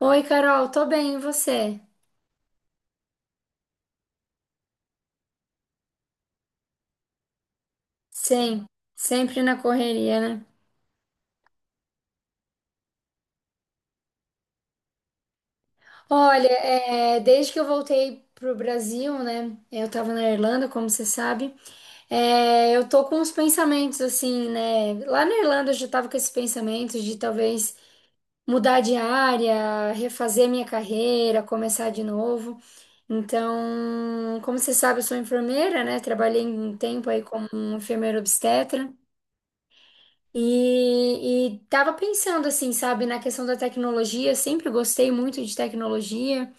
Oi, Carol, tô bem, e você? Sim, sempre na correria, né? Olha, desde que eu voltei pro Brasil, né? Eu tava na Irlanda, como você sabe. Eu tô com uns pensamentos assim, né? Lá na Irlanda eu já tava com esses pensamentos de talvez mudar de área, refazer minha carreira, começar de novo. Então, como você sabe, eu sou enfermeira, né? Trabalhei um tempo aí como um enfermeira obstetra. E tava pensando assim, sabe, na questão da tecnologia, sempre gostei muito de tecnologia.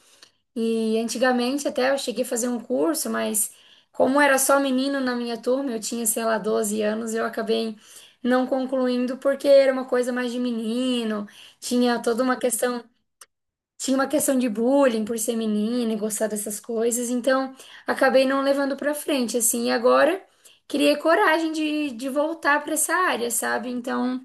E antigamente até eu cheguei a fazer um curso, mas como era só menino na minha turma, eu tinha, sei lá, 12 anos, eu acabei não concluindo porque era uma coisa mais de menino, tinha toda uma questão, tinha uma questão de bullying por ser menina e gostar dessas coisas, então acabei não levando pra frente, assim, e agora criei coragem de voltar pra essa área, sabe? Então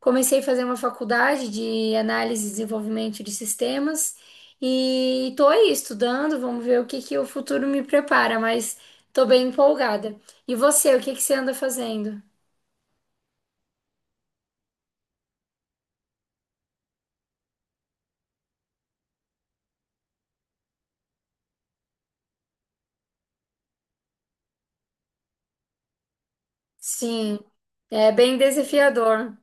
comecei a fazer uma faculdade de análise e desenvolvimento de sistemas e tô aí estudando, vamos ver o que que o futuro me prepara, mas tô bem empolgada. E você, o que que você anda fazendo? Sim, é bem desafiador.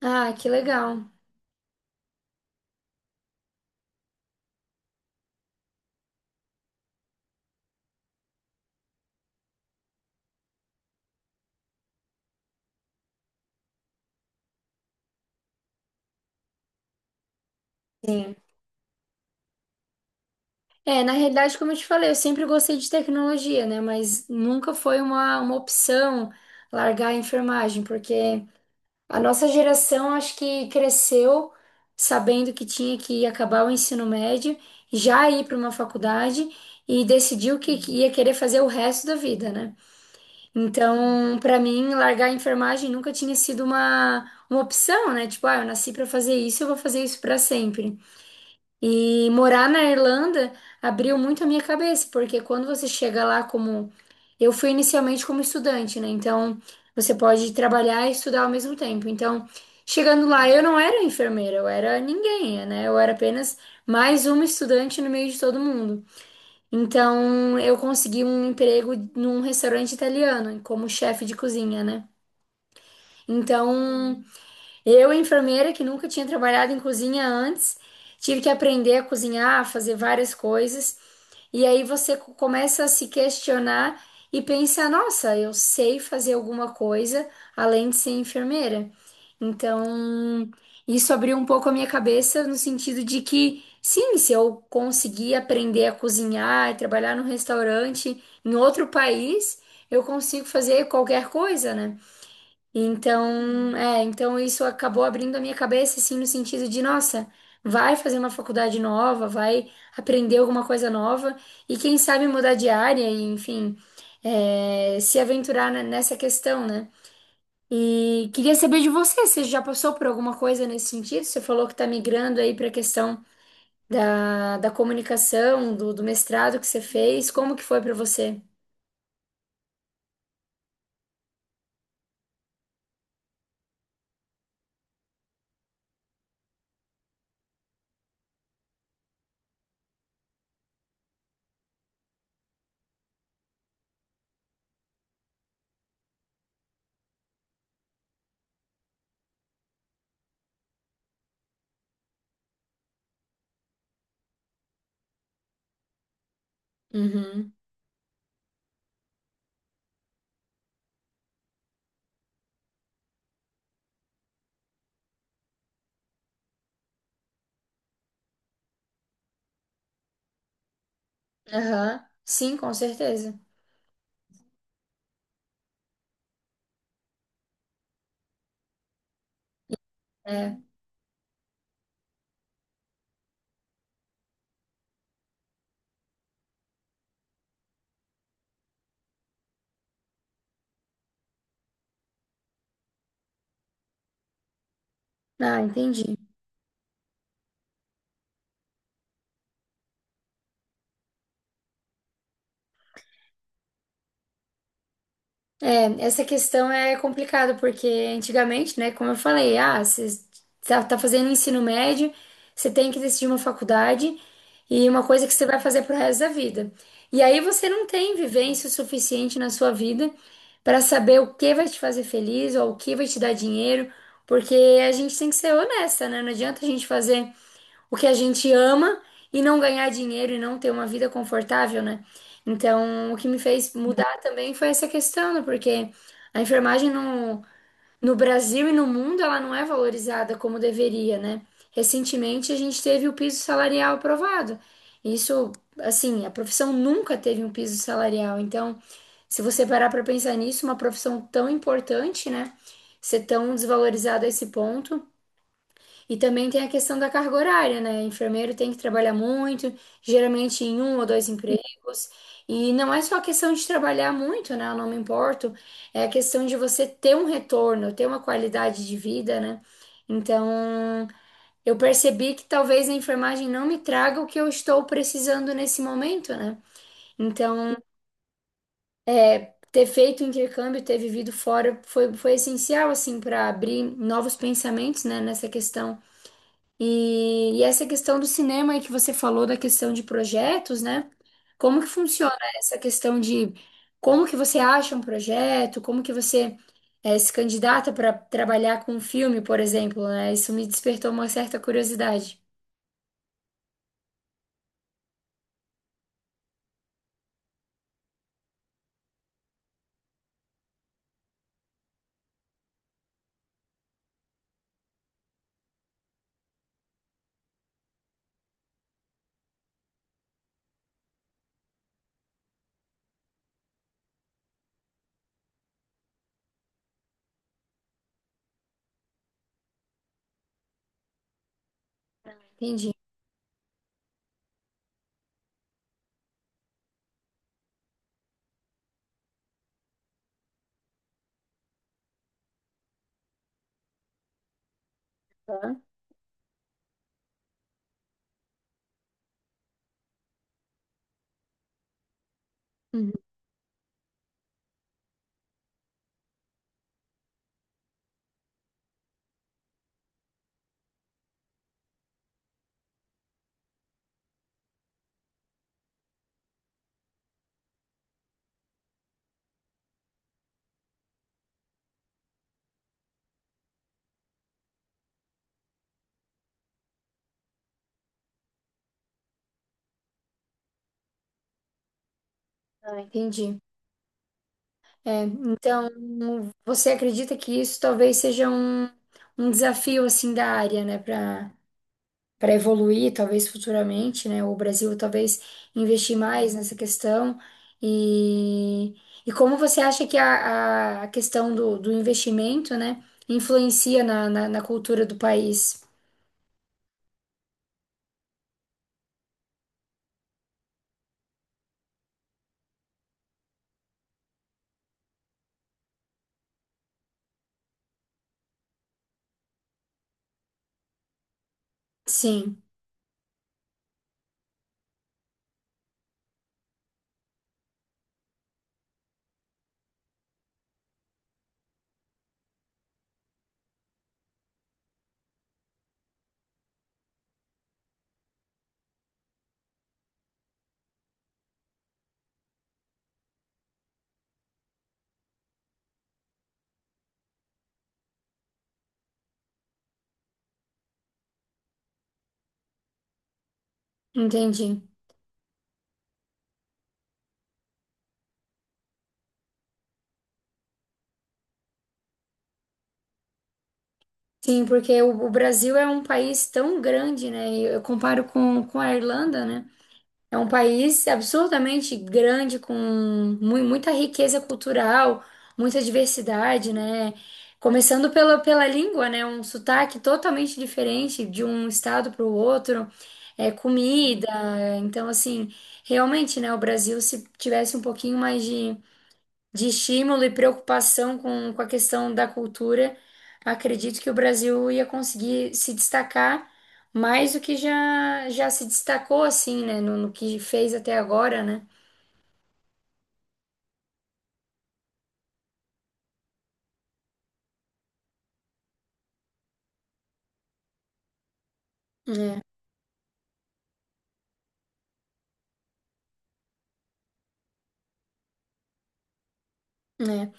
Ah, que legal. Sim. É, na realidade, como eu te falei, eu sempre gostei de tecnologia, né? Mas nunca foi uma opção largar a enfermagem, porque a nossa geração acho que cresceu sabendo que tinha que acabar o ensino médio, já ir para uma faculdade e decidiu que ia querer fazer o resto da vida, né? Então, para mim, largar a enfermagem nunca tinha sido uma opção, né? Tipo, ah, eu nasci para fazer isso, eu vou fazer isso para sempre. E morar na Irlanda abriu muito a minha cabeça, porque quando você chega lá como. Eu fui inicialmente como estudante, né? Então você pode trabalhar e estudar ao mesmo tempo. Então, chegando lá, eu não era enfermeira, eu era ninguém, né? Eu era apenas mais uma estudante no meio de todo mundo. Então, eu consegui um emprego num restaurante italiano, como chefe de cozinha, né? Então, eu, enfermeira que nunca tinha trabalhado em cozinha antes, tive que aprender a cozinhar, a fazer várias coisas, e aí você começa a se questionar e pensar: nossa, eu sei fazer alguma coisa além de ser enfermeira. Então, isso abriu um pouco a minha cabeça no sentido de que, sim, se eu conseguir aprender a cozinhar e trabalhar num restaurante em outro país, eu consigo fazer qualquer coisa, né? Então, isso acabou abrindo a minha cabeça, assim, no sentido de, nossa, vai fazer uma faculdade nova, vai aprender alguma coisa nova e quem sabe mudar de área e, enfim, se aventurar nessa questão, né? E queria saber de você, você já passou por alguma coisa nesse sentido? Você falou que está migrando aí para a questão da comunicação, do mestrado que você fez, como que foi para você? Uhum. Aham. Sim, com certeza. É. Ah, entendi. É, essa questão é complicada, porque antigamente, né, como eu falei, ah, você tá fazendo ensino médio, você tem que decidir uma faculdade e uma coisa que você vai fazer pro resto da vida. E aí você não tem vivência o suficiente na sua vida para saber o que vai te fazer feliz ou o que vai te dar dinheiro, porque a gente tem que ser honesta, né? Não adianta a gente fazer o que a gente ama e não ganhar dinheiro e não ter uma vida confortável, né? Então, o que me fez mudar também foi essa questão, né? Porque a enfermagem no Brasil e no mundo, ela não é valorizada como deveria, né? Recentemente, a gente teve o piso salarial aprovado. Isso, assim, a profissão nunca teve um piso salarial. Então, se você parar para pensar nisso, uma profissão tão importante, né? Ser tão desvalorizada a esse ponto. E também tem a questão da carga horária, né? Enfermeiro tem que trabalhar muito, geralmente em um ou dois empregos. E não é só a questão de trabalhar muito, né? Eu não me importo. É a questão de você ter um retorno, ter uma qualidade de vida, né? Então, eu percebi que talvez a enfermagem não me traga o que eu estou precisando nesse momento, né? Então, ter feito o intercâmbio, ter vivido fora foi, foi essencial, assim, para abrir novos pensamentos, né? Nessa questão. E essa questão do cinema aí que você falou da questão de projetos, né? Como que funciona essa questão de como que você acha um projeto, como que você se candidata para trabalhar com um filme, por exemplo, né? Isso me despertou uma certa curiosidade. Entendi. Tá. Uhum. Ah, entendi. É, então, você acredita que isso talvez seja um desafio assim da área, né? Para evoluir, talvez futuramente, né? O Brasil talvez investir mais nessa questão. E, e como você acha que a a questão do investimento, né, influencia na cultura do país? Sim, entendi. Sim, porque o Brasil é um país tão grande, né? E eu comparo com a Irlanda, né? É um país absurdamente grande, com muita riqueza cultural, muita diversidade, né? Começando pela língua, né? Um sotaque totalmente diferente de um estado para o outro, é, comida. Então, assim, realmente, né? O Brasil, se tivesse um pouquinho mais de estímulo e preocupação com a questão da cultura, acredito que o Brasil ia conseguir se destacar mais do que já se destacou, assim, né? No que fez até agora, né? É, é.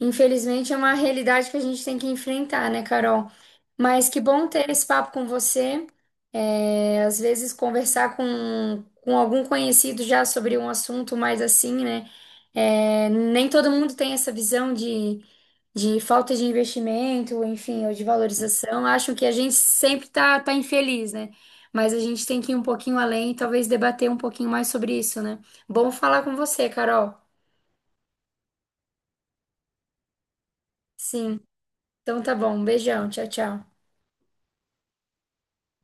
Infelizmente é uma realidade que a gente tem que enfrentar, né, Carol? Mas que bom ter esse papo com você. É, às vezes conversar com algum conhecido já sobre um assunto mais assim, né? É, nem todo mundo tem essa visão de falta de investimento, enfim, ou de valorização. Acham que a gente sempre tá infeliz, né? Mas a gente tem que ir um pouquinho além e talvez debater um pouquinho mais sobre isso, né? Bom falar com você, Carol. Sim. Então tá bom. Um beijão. Tchau, tchau.